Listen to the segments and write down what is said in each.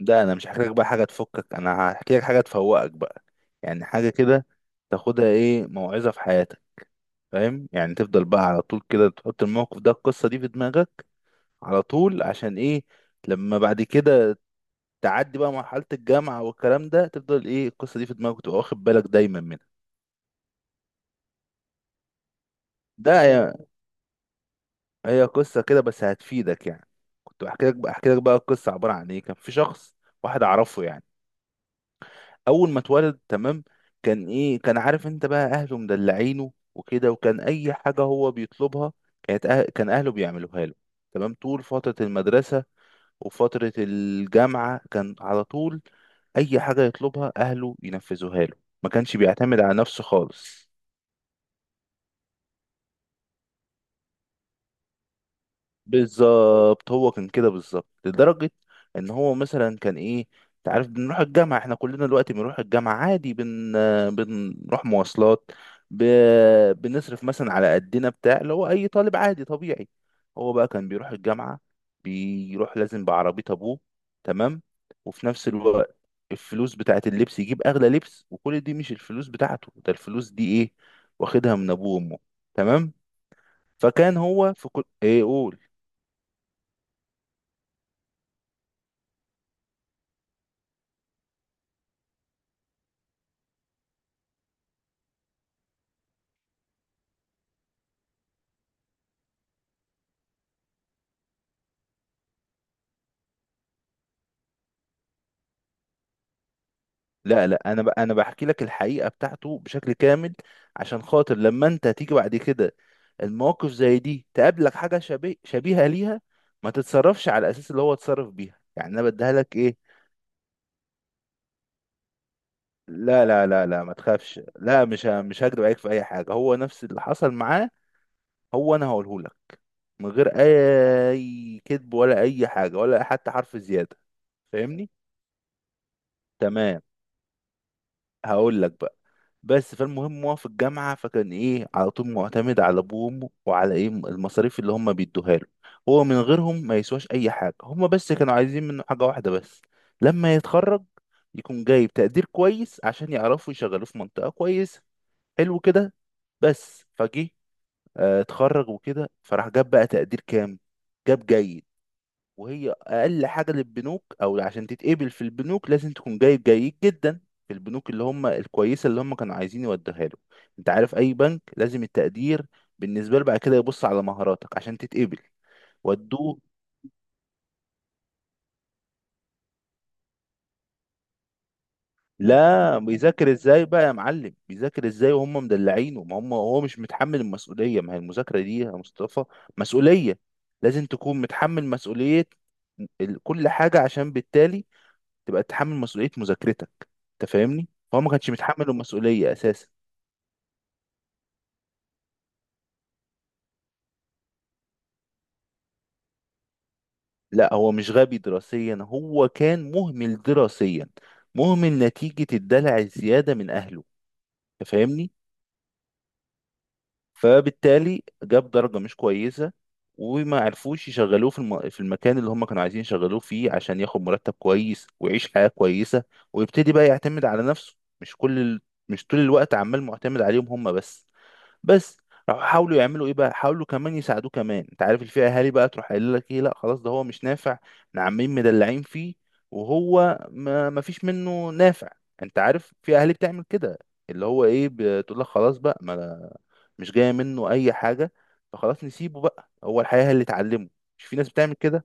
ده انا مش هحكي لك بقى حاجه تفكك، انا هحكي لك حاجه تفوقك بقى. يعني حاجه كده تاخدها ايه موعظه في حياتك. فاهم؟ يعني تفضل بقى على طول كده تحط الموقف ده، القصه دي في دماغك على طول. عشان ايه؟ لما بعد كده تعدي بقى مرحله الجامعه والكلام ده تفضل ايه القصه دي في دماغك وتبقى واخد بالك دايما منها. ده هي، هي قصه كده بس هتفيدك يعني. كنت بحكي لك بقى. القصه عباره عن ايه؟ كان في شخص واحد اعرفه يعني، اول ما اتولد تمام، كان ايه؟ كان عارف انت بقى اهله مدلعينه وكده، وكان اي حاجه هو بيطلبها كانت كان اهله بيعملوها له. تمام. طول فتره المدرسه وفتره الجامعه كان على طول اي حاجه يطلبها اهله ينفذوها له، ما كانش بيعتمد على نفسه خالص. بالظبط، هو كان كده بالظبط، لدرجة ان هو مثلا كان ايه، انت عارف بنروح الجامعة، احنا كلنا دلوقتي بنروح الجامعة عادي، بنروح مواصلات، ب... بنصرف مثلا على قدنا بتاع اللي هو اي طالب عادي طبيعي. هو بقى كان بيروح الجامعة، بيروح لازم بعربية ابوه. تمام. وفي نفس الوقت الفلوس بتاعت اللبس يجيب اغلى لبس، وكل دي مش الفلوس بتاعته، ده الفلوس دي ايه؟ واخدها من ابوه وامه. تمام. فكان هو في كل ايه، قول. لا انا انا بحكي لك الحقيقه بتاعته بشكل كامل، عشان خاطر لما انت تيجي بعد كده المواقف زي دي تقابلك، حاجه شبيهه ليها، ما تتصرفش على الاساس اللي هو اتصرف بيها. يعني انا بديها لك ايه، لا ما تخافش، لا مش مش هكدب عليك في اي حاجه، هو نفس اللي حصل معاه، هو انا هقوله لك من غير اي كذب ولا اي حاجه ولا حتى حرف زياده. فاهمني؟ تمام. هقول لك بقى. بس فالمهم، هو في الجامعة فكان ايه، على طول معتمد على ابوه وامه وعلى ايه، المصاريف اللي هم بيدوها له. هو من غيرهم ما يسواش اي حاجة. هم بس كانوا عايزين منه حاجة واحدة بس، لما يتخرج يكون جايب تقدير كويس عشان يعرفوا يشغلوه في منطقة كويسة. حلو كده. بس فجه، اتخرج وكده، فراح جاب بقى تقدير كام؟ جاب جيد. وهي اقل حاجه للبنوك، او عشان تتقبل في البنوك لازم تكون جايب جيد جدا، في البنوك اللي هم الكويسه اللي هم كانوا عايزين يوديها له. انت عارف اي بنك لازم التقدير بالنسبه له، بعد كده يبص على مهاراتك عشان تتقبل، ودوه. لا بيذاكر ازاي بقى يا معلم؟ بيذاكر ازاي وهم مدلعينه؟ ما هم هو مش متحمل المسؤوليه، ما هي المذاكره دي يا مصطفى مسؤوليه، لازم تكون متحمل مسؤوليه كل حاجه، عشان بالتالي تبقى تتحمل مسؤولية مذاكرتك. انت فاهمني؟ هو ما كانش متحمل المسؤولية اساسا. لا هو مش غبي دراسيا، هو كان مهمل دراسيا، مهمل نتيجة الدلع الزيادة من اهله. انت فاهمني؟ فبالتالي جاب درجة مش كويسة، وما عرفوش يشغلوه في في المكان اللي هم كانوا عايزين يشغلوه فيه عشان ياخد مرتب كويس ويعيش حياة كويسة ويبتدي بقى يعتمد على نفسه، مش مش طول الوقت عمال معتمد عليهم هم بس. بس راحوا حاولوا يعملوا ايه بقى، حاولوا كمان يساعدوه كمان. انت عارف الفئه اهالي بقى تروح قايل لك ايه، لا خلاص ده هو مش نافع، احنا عمالين مدلعين فيه وهو ما فيش منه نافع. انت عارف في اهالي بتعمل كده، اللي هو ايه بتقول لك خلاص بقى، ما مش جايه منه اي حاجه، فخلاص نسيبه بقى، هو الحياه هي اللي اتعلمه. مش في ناس بتعمل كده؟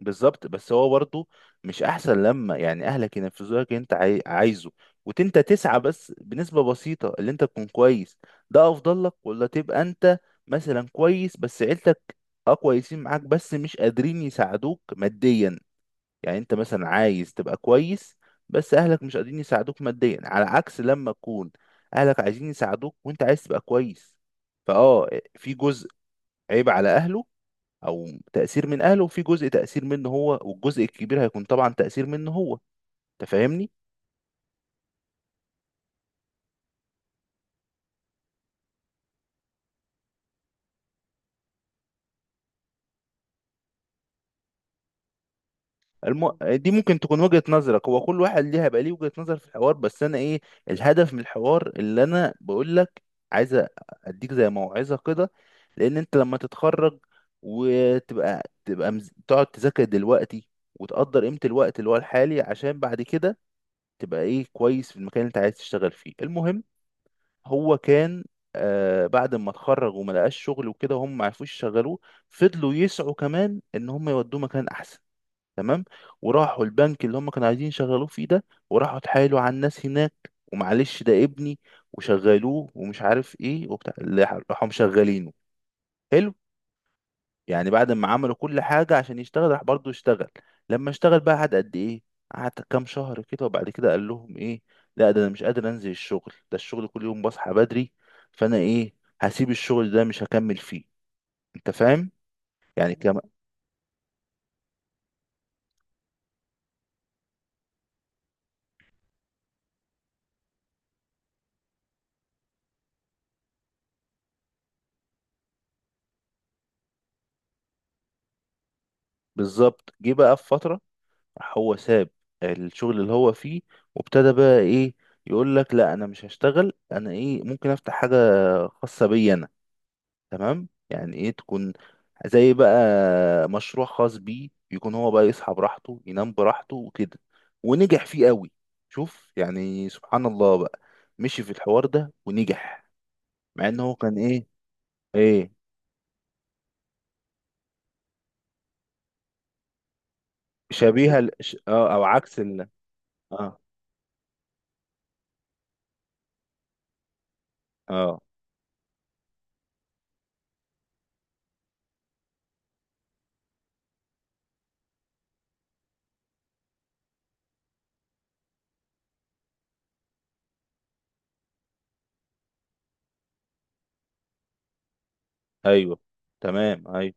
بالظبط. بس هو برضه مش احسن لما يعني اهلك ينفذوا لك اللي انت عايزه، انت تسعى بس بنسبة بسيطة اللي انت تكون كويس، ده افضل لك ولا تبقى انت مثلا كويس بس عيلتك اه كويسين معاك بس مش قادرين يساعدوك ماديا؟ يعني انت مثلا عايز تبقى كويس بس اهلك مش قادرين يساعدوك ماديا، على عكس لما تكون اهلك عايزين يساعدوك وانت عايز تبقى كويس. فاه، في جزء عيب على اهله او تأثير من اهله، وفي جزء تأثير منه هو، والجزء الكبير هيكون طبعا تأثير منه هو. انت فاهمني؟ دي ممكن تكون وجهة نظرك، هو كل واحد ليها بقى ليه وجهة نظر في الحوار، بس انا ايه الهدف من الحوار اللي انا بقول لك، عايز اديك زي موعظة كده، لان انت لما تتخرج وتبقى تقعد تذاكر دلوقتي وتقدر قيمة الوقت اللي هو الحالي، عشان بعد كده تبقى ايه كويس في المكان اللي انت عايز تشتغل فيه. المهم، هو كان بعد ما اتخرج وما لقاش شغل وكده وهم ما عرفوش يشغلوه، فضلوا يسعوا كمان ان هم يودوه مكان احسن. تمام. وراحوا البنك اللي هم كانوا عايزين يشغلوه فيه ده، وراحوا اتحايلوا على الناس هناك ومعلش ده ابني وشغلوه ومش عارف ايه وبتاع، اللي راحوا مشغلينه. حلو. يعني بعد ما عملوا كل حاجة عشان يشتغل، راح برضه اشتغل. لما اشتغل بقى، قعد قد ايه؟ قعد كام شهر كده، وبعد كده قال لهم ايه، لا ده انا مش قادر انزل الشغل ده، الشغل كل يوم بصحى بدري، فانا ايه هسيب الشغل ده مش هكمل فيه. انت فاهم؟ يعني كم. بالظبط. جه بقى في فترة راح هو ساب الشغل اللي هو فيه، وابتدى بقى ايه يقول لك لا انا مش هشتغل، انا ايه ممكن افتح حاجة خاصة بيا انا. تمام. يعني ايه، تكون زي بقى مشروع خاص بيه، يكون هو بقى يصحى براحته ينام براحته وكده. ونجح فيه قوي. شوف يعني سبحان الله بقى، مشي في الحوار ده ونجح، مع ان هو كان ايه. ايه؟ شبيهة اه، او عكس اه. اه. ايوه. تمام. ايوه.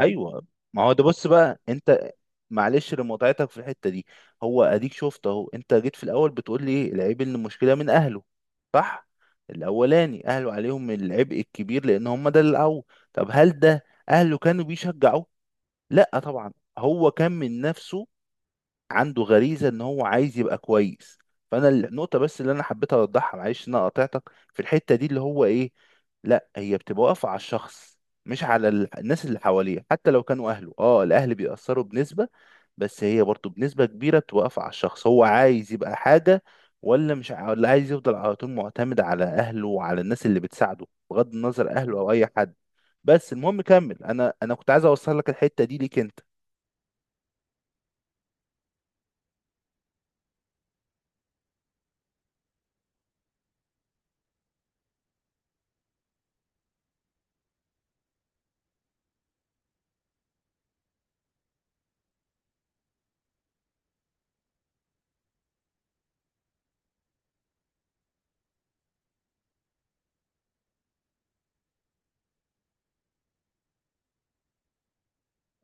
ايوه، ما هو ده. بص بقى انت، معلش لمتعتك في الحته دي، هو اديك شفت اهو، انت جيت في الاول بتقول لي العيب ان المشكله من اهله، صح؟ الاولاني اهله عليهم العبء الكبير لان هم ده اللي قووا. طب هل ده اهله كانوا بيشجعوه؟ لا طبعا، هو كان من نفسه، عنده غريزه ان هو عايز يبقى كويس. فانا النقطه بس اللي انا حبيت اوضحها معلش ان انا قاطعتك في الحته دي، اللي هو ايه، لا هي بتبقى واقفه على الشخص، مش على الناس اللي حواليه، حتى لو كانوا اهله. اه الاهل بيأثروا بنسبه، بس هي برضو بنسبه كبيره بتوقف على الشخص، هو عايز يبقى حاجه ولا مش ع- ولا عايز يفضل على طول معتمد على اهله وعلى الناس اللي بتساعده، بغض النظر اهله او اي حد. بس المهم كمل، انا كنت عايز اوصل لك الحته دي ليك انت.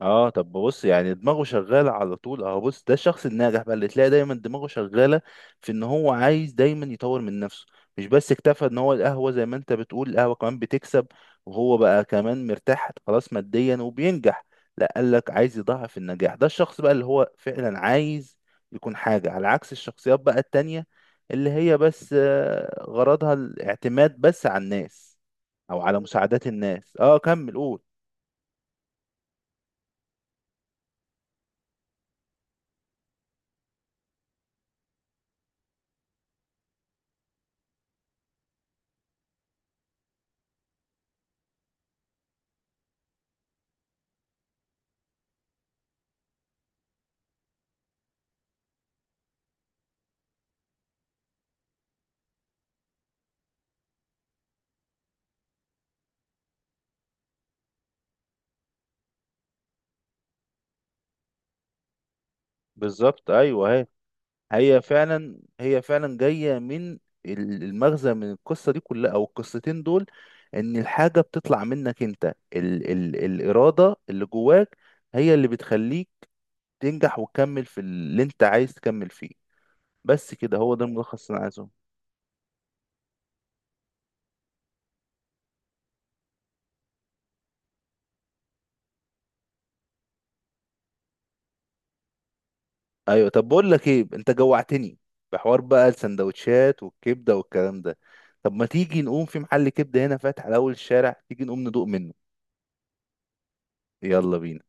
اه، طب بص، يعني دماغه شغاله على طول اهو، بص ده الشخص الناجح بقى اللي تلاقي دايما دماغه شغاله في ان هو عايز دايما يطور من نفسه، مش بس اكتفى ان هو القهوه زي ما انت بتقول القهوه كمان بتكسب وهو بقى كمان مرتاح خلاص ماديا وبينجح، لا قال لك عايز يضاعف النجاح. ده الشخص بقى اللي هو فعلا عايز يكون حاجه، على عكس الشخصيات بقى التانية اللي هي بس غرضها الاعتماد بس على الناس او على مساعدات الناس. اه كمل قول. بالظبط، ايوه اهي، هي فعلا، هي فعلا جاية من المغزى من القصة دي كلها أو القصتين دول، إن الحاجة بتطلع منك أنت، ال الإرادة اللي جواك هي اللي بتخليك تنجح وتكمل في اللي أنت عايز تكمل فيه. بس كده، هو ده الملخص اللي أنا عايزه. أيوه، طب بقول لك إيه، أنت جوعتني بحوار بقى السندوتشات والكبدة والكلام ده. طب ما تيجي نقوم في محل كبدة هنا فاتح على أول الشارع، تيجي نقوم ندوق منه. يلا بينا.